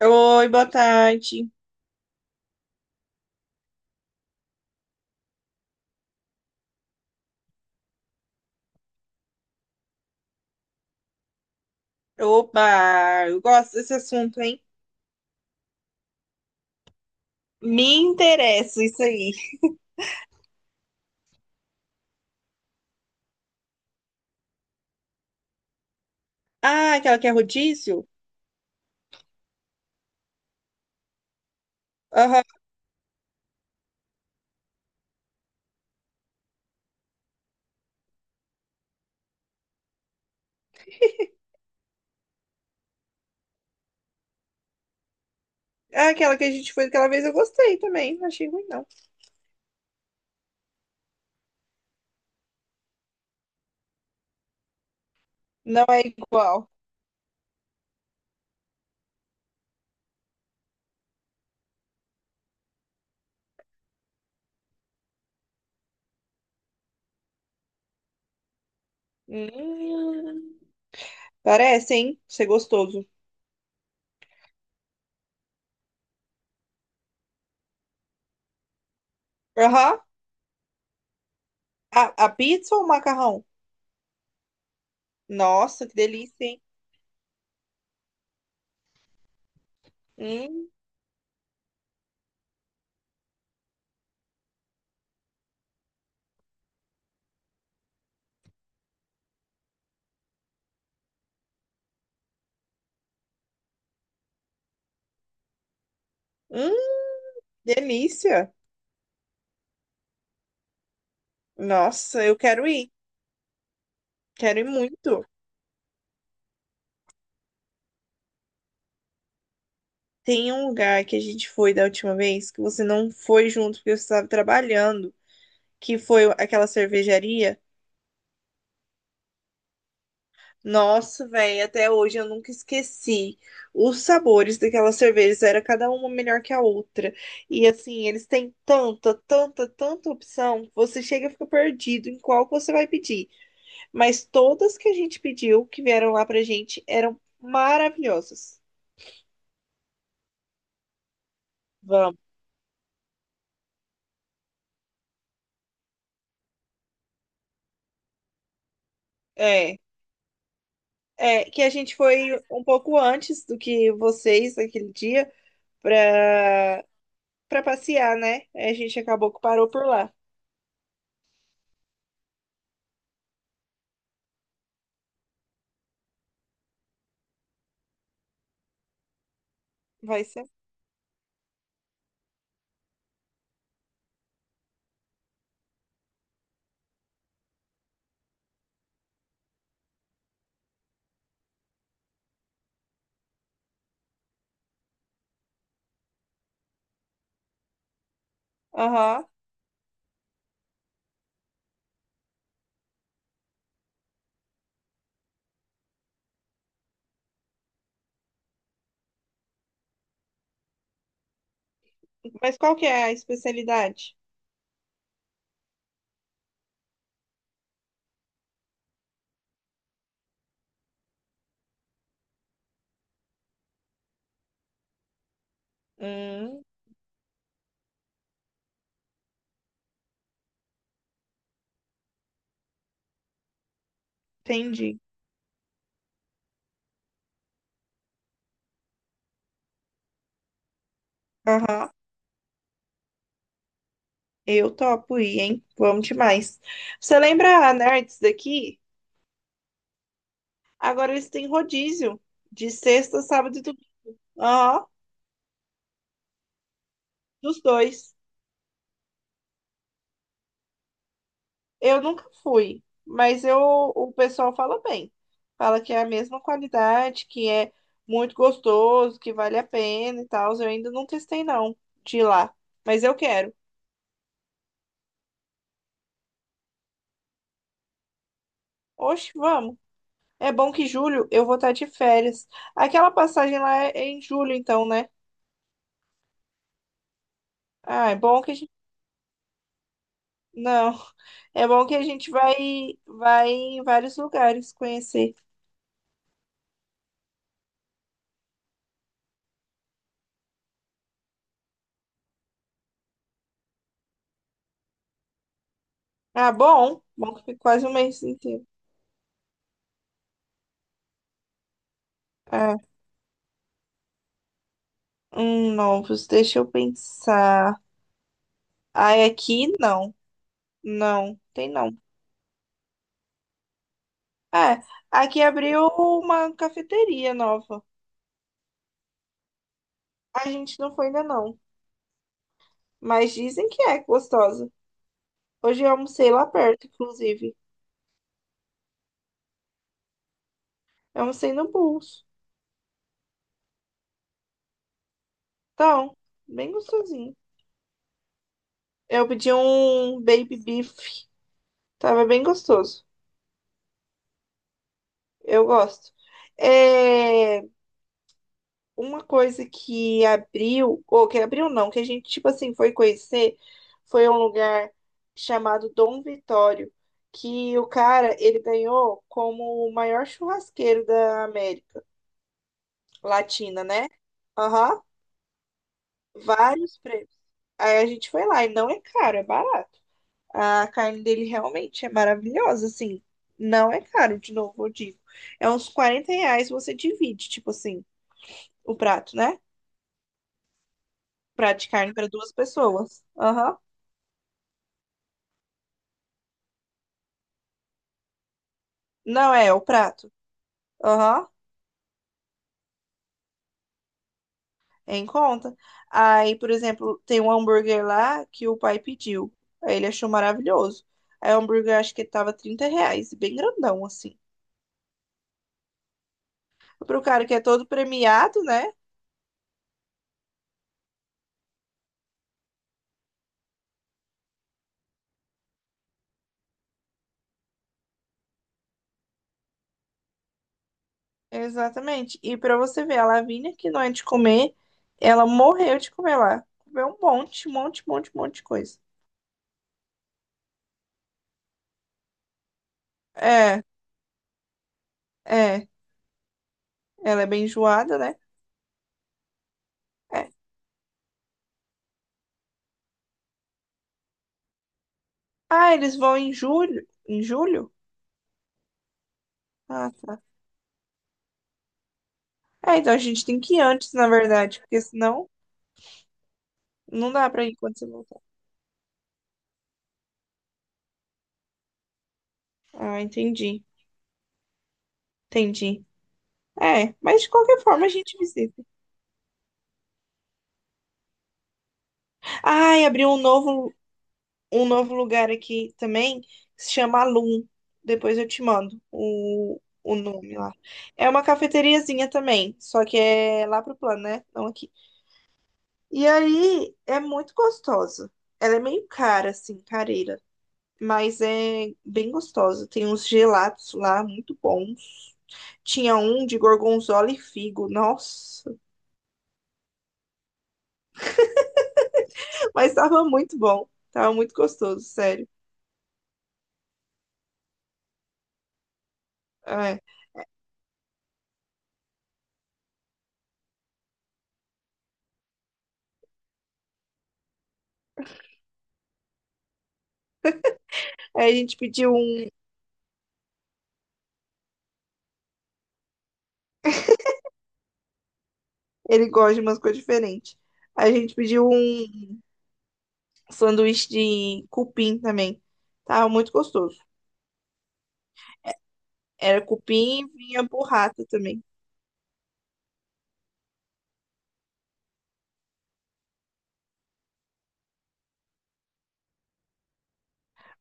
Oi, boa tarde. Opa, eu gosto desse assunto, hein? Me interessa isso aí. Ah, aquela que é rodízio? Aham. Ah, aquela que a gente foi aquela vez eu gostei também. Não achei ruim, não. Não é igual. Hum, parece, hein? Ser gostoso. Aham. A pizza ou o macarrão? Nossa, que delícia, hein? Hum, hum, delícia. Nossa, eu quero ir. Quero ir muito. Tem um lugar que a gente foi da última vez que você não foi junto porque você estava trabalhando, que foi aquela cervejaria. Nossa, velho, até hoje eu nunca esqueci. Os sabores daquelas cervejas era cada uma melhor que a outra. E assim, eles têm tanta, tanta, tanta opção, que você chega e fica perdido em qual que você vai pedir. Mas todas que a gente pediu, que vieram lá pra gente, eram maravilhosas. Vamos. É. É, que a gente foi um pouco antes do que vocês naquele dia pra, pra passear, né? Aí a gente acabou que parou por lá. Vai ser. Aham. Mas qual que é a especialidade? Hum, entendi. Aham. Eu topo ir, hein? Vamos demais. Você lembra a Nerds daqui? Agora eles têm rodízio de sexta, sábado e domingo. Aham. Dos dois. Eu nunca fui, mas eu, o pessoal fala bem. Fala que é a mesma qualidade, que é muito gostoso, que vale a pena e tal. Eu ainda não testei, não, de ir lá. Mas eu quero. Oxe, vamos. É bom que julho eu vou estar de férias. Aquela passagem lá é em julho, então, né? Ah, é bom que a gente... Não. É bom que a gente vai, vai em vários lugares conhecer. Ah, bom. Bom que fica quase um mês inteiro. Ah, novos. Deixa eu pensar. Ai, aqui não. Não, tem não. É, aqui abriu uma cafeteria nova. A gente não foi ainda não, mas dizem que é gostosa. Hoje eu almocei lá perto, inclusive. Eu almocei no Bulls. Então, bem gostosinho. Eu pedi um baby beef, tava bem gostoso. Eu gosto. É... Uma coisa que abriu, ou que abriu não, que a gente, tipo assim, foi conhecer, foi um lugar chamado Dom Vitório, que o cara, ele ganhou como o maior churrasqueiro da América Latina, né? Aham, vários prêmios. Aí a gente foi lá e não é caro, é barato. A carne dele realmente é maravilhosa, assim, não é caro, de novo, eu digo. É uns R$ 40 você divide, tipo assim, o prato, né? Prato de carne para duas pessoas. Aham. Não é, o prato. Aham. É em conta. Aí, por exemplo, tem um hambúrguer lá que o pai pediu. Aí ele achou maravilhoso. Aí o hambúrguer acho que tava R$ 30, bem grandão assim. Pro cara que é todo premiado, né? Exatamente. E pra você ver, a Lavínia, que não é de comer, ela morreu de comer lá. Comeu um monte, um monte, um monte, um monte de coisa. É, é. Ela é bem enjoada, né? É. Ah, eles vão em julho? Em julho? Ah, tá. É, então a gente tem que ir antes, na verdade, porque senão não dá pra ir quando você voltar. Ah, entendi, entendi. É, mas de qualquer forma a gente visita. Ai, abriu um novo lugar aqui também, que se chama Alum. Depois eu te mando o nome lá. É uma cafeteriazinha também, só que é lá pro plano, né? Não aqui. E aí é muito gostosa. Ela é meio cara, assim, careira. Mas é bem gostosa. Tem uns gelatos lá muito bons. Tinha um de gorgonzola e figo, nossa, mas tava muito bom, tava muito gostoso, sério. É. Aí a gente pediu um, ele gosta de umas coisas diferentes. Aí a gente pediu um sanduíche de cupim também, tava muito gostoso. Era cupim e vinha burrata também.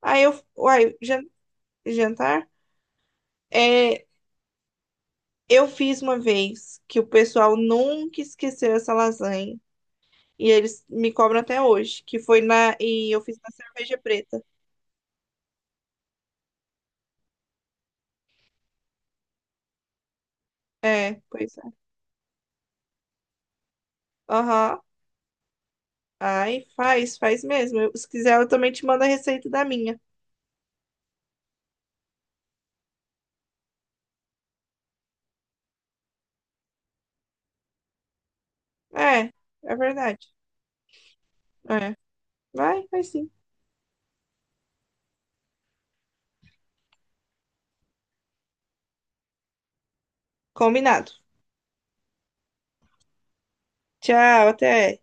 Aí jantar? É, eu fiz uma vez que o pessoal nunca esqueceu essa lasanha. E eles me cobram até hoje, que foi na. E eu fiz na cerveja preta. É, pois é. Aham. Ai, faz, faz mesmo. Se quiser, eu também te mando a receita da minha. É, é verdade. É. Vai, vai sim. Combinado. Tchau, até.